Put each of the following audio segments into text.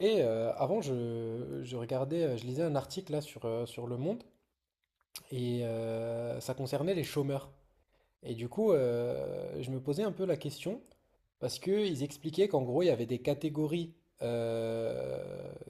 Avant, je regardais, je lisais un article là sur Le Monde ça concernait les chômeurs. Et du coup, je me posais un peu la question, parce qu'ils expliquaient qu'en gros, il y avait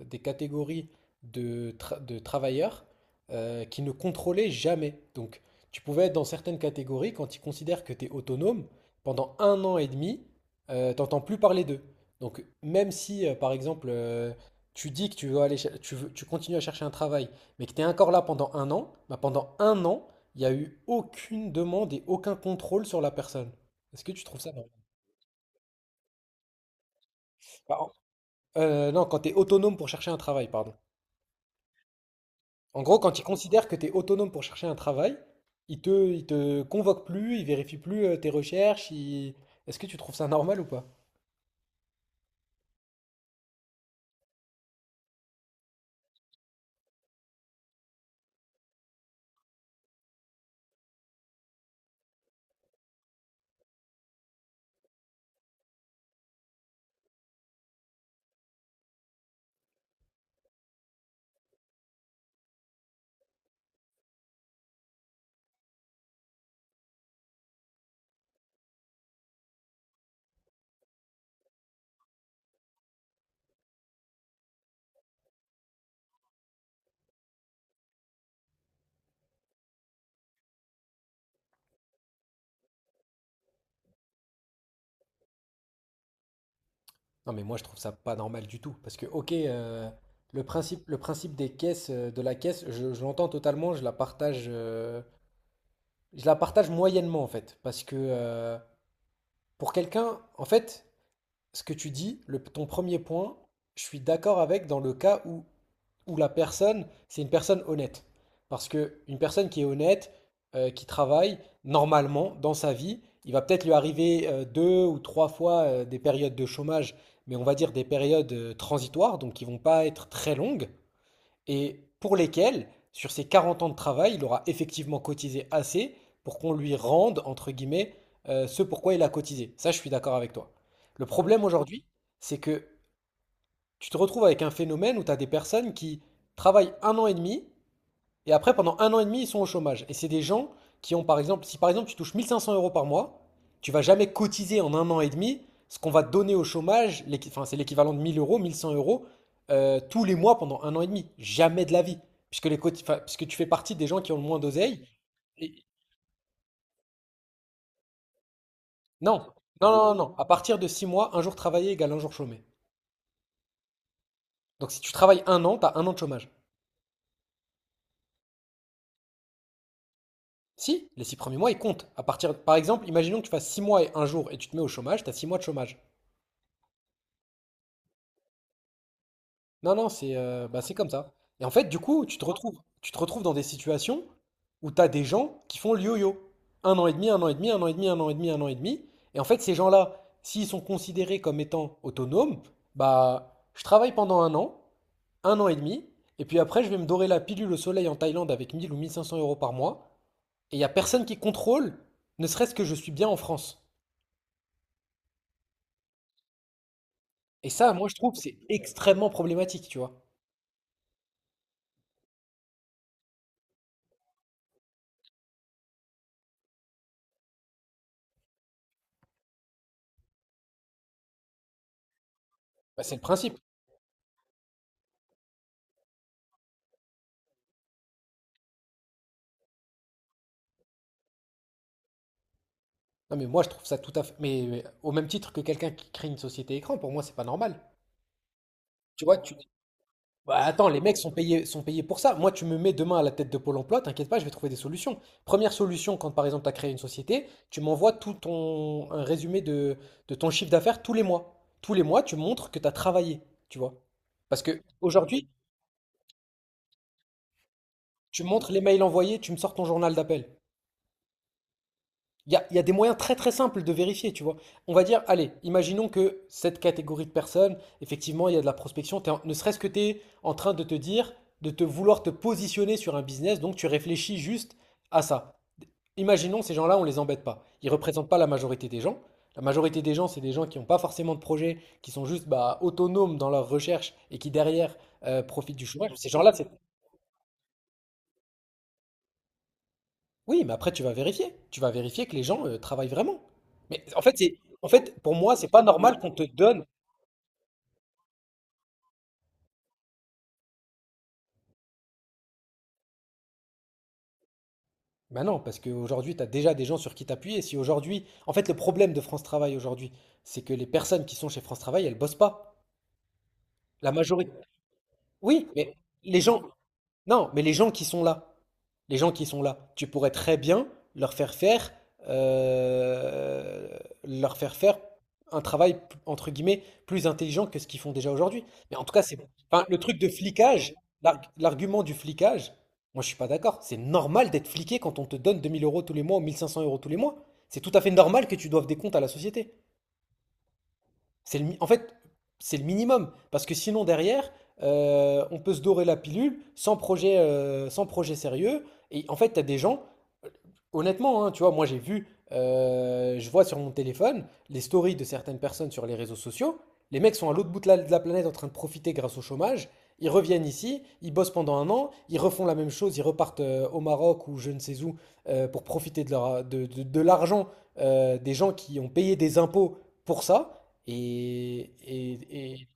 des catégories de travailleurs qui ne contrôlaient jamais. Donc, tu pouvais être dans certaines catégories, quand ils considèrent que tu es autonome, pendant un an et demi, t'entends plus parler d'eux. Donc, même si, par exemple, tu dis que tu veux aller, cher- tu veux- tu continues à chercher un travail, mais que tu es encore là pendant un an, bah, pendant un an, il n'y a eu aucune demande et aucun contrôle sur la personne. Est-ce que tu trouves ça normal? Bah, non, quand tu es autonome pour chercher un travail, pardon. En gros, quand ils considèrent que tu es autonome pour chercher un travail, ils te convoquent plus, ils vérifient plus tes recherches. Est-ce que tu trouves ça normal ou pas? Non, mais moi, je trouve ça pas normal du tout. Parce que, ok, le principe des caisses, de la caisse, je l'entends totalement, je la partage moyennement, en fait. Parce que pour quelqu'un, en fait, ce que tu dis, ton premier point, je suis d'accord avec dans le cas où la personne, c'est une personne honnête. Parce que une personne qui est honnête, qui travaille, normalement, dans sa vie, il va peut-être lui arriver deux ou trois fois des périodes de chômage, mais on va dire des périodes transitoires, donc qui ne vont pas être très longues, et pour lesquelles, sur ses 40 ans de travail, il aura effectivement cotisé assez pour qu'on lui rende, entre guillemets, ce pourquoi il a cotisé. Ça, je suis d'accord avec toi. Le problème aujourd'hui, c'est que tu te retrouves avec un phénomène où tu as des personnes qui travaillent un an et demi et après, pendant un an et demi, ils sont au chômage. Et c'est des gens qui ont, par exemple, si par exemple tu touches 1500 euros par mois, tu vas jamais cotiser en un an et demi ce qu'on va te donner au chômage, enfin, c'est l'équivalent de 1000 euros, 1100 euros, tous les mois pendant un an et demi. Jamais de la vie. Puisque, enfin, puisque tu fais partie des gens qui ont le moins d'oseille. Et- Non, non. À partir de 6 mois, un jour travaillé égale un jour chômé. Donc si tu travailles un an, tu as un an de chômage. Si, les six premiers mois, ils comptent. À partir, par exemple, imaginons que tu fasses six mois et un jour et tu te mets au chômage, t'as six mois de chômage. Non, non, c'est bah, c'est comme ça. Et en fait, du coup, tu te retrouves dans des situations où t'as des gens qui font le yo-yo. Un an et demi, un an et demi, un an et demi, un an et demi, un an et demi. Et en fait, ces gens-là, s'ils sont considérés comme étant autonomes, bah, je travaille pendant un an et demi, et puis après, je vais me dorer la pilule au soleil en Thaïlande avec 1000 ou 1500 euros par mois, et il n'y a personne qui contrôle, ne serait-ce que je suis bien en France. Et ça, moi, je trouve, c'est extrêmement problématique, tu vois. Bah, c'est le principe. Non, mais moi, je trouve ça tout à fait. Mais au même titre que quelqu'un qui crée une société écran, pour moi, c'est pas normal. Tu vois, tu dis, bah, attends, les mecs sont payés pour ça. Moi, tu me mets demain à la tête de Pôle emploi, t'inquiète pas, je vais trouver des solutions. Première solution, quand par exemple, tu as créé une société, tu m'envoies tout ton un résumé de ton chiffre d'affaires tous les mois. Tous les mois, tu montres que tu as travaillé, tu vois. Parce que aujourd'hui, tu montres les mails envoyés, tu me sors ton journal d'appel. Il y a des moyens très très simples de vérifier, tu vois. On va dire, allez, imaginons que cette catégorie de personnes, effectivement, il y a de la prospection. Ne serait-ce que tu es en train de te dire, de te positionner sur un business, donc tu réfléchis juste à ça. Imaginons ces gens-là, on les embête pas. Ils représentent pas la majorité des gens. La majorité des gens, c'est des gens qui n'ont pas forcément de projet, qui sont juste bah, autonomes dans leur recherche et qui derrière profitent du chômage. Ces gens-là, c'est oui, mais après tu vas vérifier. Tu vas vérifier que les gens, travaillent vraiment. Mais en fait, c'est en fait, pour moi, c'est pas normal qu'on te donne. Ben non, parce qu'aujourd'hui, tu as déjà des gens sur qui t'appuyer. Si aujourd'hui en fait, le problème de France Travail aujourd'hui, c'est que les personnes qui sont chez France Travail, elles bossent pas. La majorité. Oui, mais les gens. Non, mais les gens qui sont là, les gens qui sont là, tu pourrais très bien leur faire faire, euh, leur faire faire un travail entre guillemets plus intelligent que ce qu'ils font déjà aujourd'hui. Mais en tout cas, c'est, bon. Enfin, le truc de flicage, l'argument du flicage, moi je suis pas d'accord. C'est normal d'être fliqué quand on te donne 2000 euros tous les mois ou 1500 euros tous les mois. C'est tout à fait normal que tu doives des comptes à la société. En fait, c'est le minimum. Parce que sinon, derrière, on peut se dorer la pilule sans projet, sans projet sérieux. Et en fait, tu as des gens, euh, honnêtement, hein, tu vois, moi j'ai vu, je vois sur mon téléphone les stories de certaines personnes sur les réseaux sociaux. Les mecs sont à l'autre bout de la planète en train de profiter grâce au chômage. Ils reviennent ici, ils bossent pendant un an, ils refont la même chose, ils repartent au Maroc ou je ne sais où pour profiter de, de l'argent des gens qui ont payé des impôts pour ça. Et.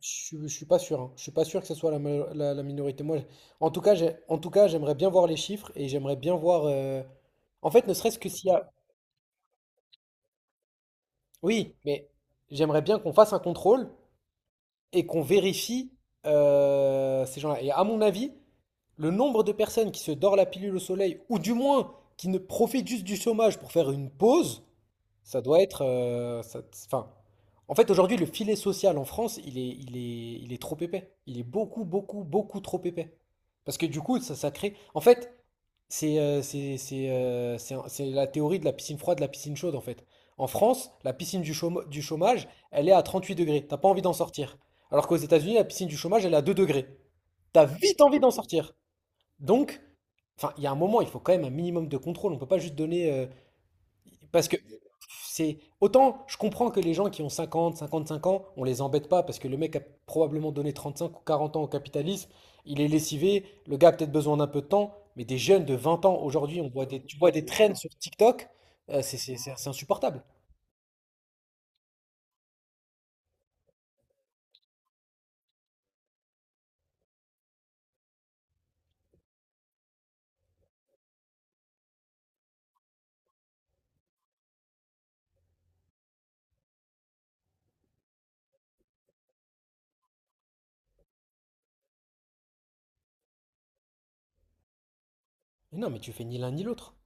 Je suis pas sûr, hein. Je suis pas sûr que ce soit la minorité. En tout cas, en tout cas, j'aimerais bien voir les chiffres et j'aimerais bien voir. En fait, ne serait-ce que s'il y a. Oui, mais j'aimerais bien qu'on fasse un contrôle et qu'on vérifie ces gens-là. Et à mon avis, le nombre de personnes qui se dorent la pilule au soleil, ou du moins qui ne profitent juste du chômage pour faire une pause, ça doit être... enfin, en fait, aujourd'hui, le filet social en France, il est trop épais. Il est beaucoup, beaucoup, beaucoup trop épais. Parce que du coup, ça crée... En fait, c'est c'est la théorie de la piscine froide, de la piscine chaude en fait. En France, la piscine du chômage, elle est à 38 degrés. T'as pas envie d'en sortir. Alors qu'aux États-Unis, la piscine du chômage, elle est à 2 degrés. T'as vite envie d'en sortir. Donc, enfin, il y a un moment, il faut quand même un minimum de contrôle. On peut pas juste donner parce que c'est autant je comprends que les gens qui ont cinquante cinquante cinq ans, on les embête pas parce que le mec a probablement donné 35 ou 40 ans au capitalisme, il est lessivé, le gars a peut-être besoin d'un peu de temps, mais des jeunes de 20 ans aujourd'hui, on voit des, tu vois des traînes sur TikTok, c'est insupportable. Mais non, mais tu fais ni l'un ni l'autre.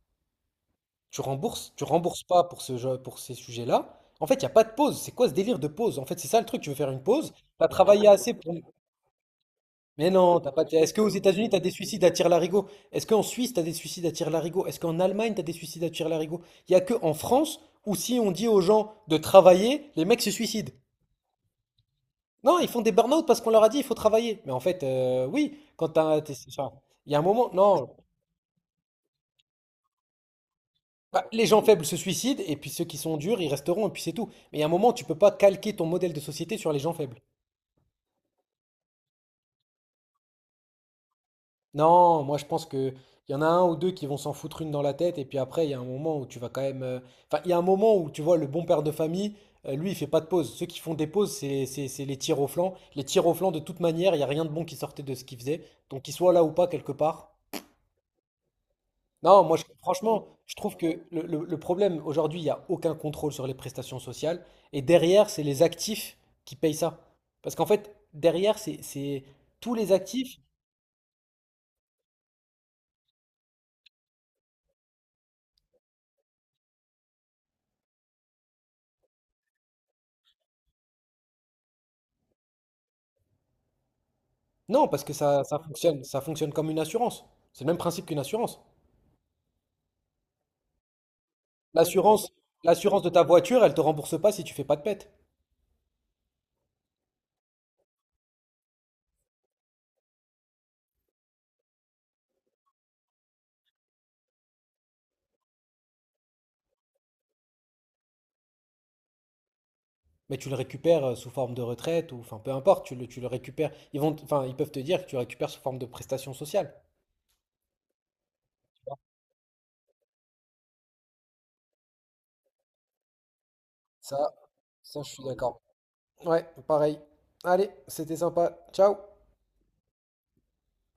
Tu rembourses pas pour ce jeu, pour ces sujets-là. En fait, il n'y a pas de pause. C'est quoi ce délire de pause? En fait, c'est ça le truc. Tu veux faire une pause, tu as travaillé assez pour. Mais non, t'as pas. Est-ce qu'aux États-Unis, tu as des suicides à tire-larigot? Est-ce qu'en Suisse, tu as des suicides à tire-larigot? Est-ce qu'en Allemagne, tu as des suicides à tire-larigot? Il n'y a que en France où si on dit aux gens de travailler, les mecs se suicident. Non, ils font des burn-out parce qu'on leur a dit il faut travailler. Mais en fait, oui, enfin, il y a un moment. Non. Bah, les gens faibles se suicident et puis ceux qui sont durs, ils resteront et puis c'est tout. Mais à un moment, tu peux pas calquer ton modèle de société sur les gens faibles. Non, moi je pense que il y en a un ou deux qui vont s'en foutre une dans la tête et puis après il y a un moment où tu vas quand même. Enfin, il y a un moment où tu vois le bon père de famille, lui il fait pas de pause. Ceux qui font des pauses, c'est les tirs au flanc. Les tirs au flanc de toute manière, il y a rien de bon qui sortait de ce qu'il faisait. Donc qu'ils soient là ou pas quelque part, non, franchement, je trouve que le problème aujourd'hui, il n'y a aucun contrôle sur les prestations sociales. Et derrière, c'est les actifs qui payent ça. Parce qu'en fait, derrière, c'est tous les actifs. Non, parce que ça, ça fonctionne comme une assurance. C'est le même principe qu'une assurance. L'assurance, l'assurance de ta voiture, elle te rembourse pas si tu fais pas de pète. Mais tu le récupères sous forme de retraite ou enfin peu importe, tu le récupères. Enfin ils peuvent te dire que tu récupères sous forme de prestation sociale. Ça, ça, je suis d'accord. Ouais, pareil. Allez, c'était sympa. Ciao.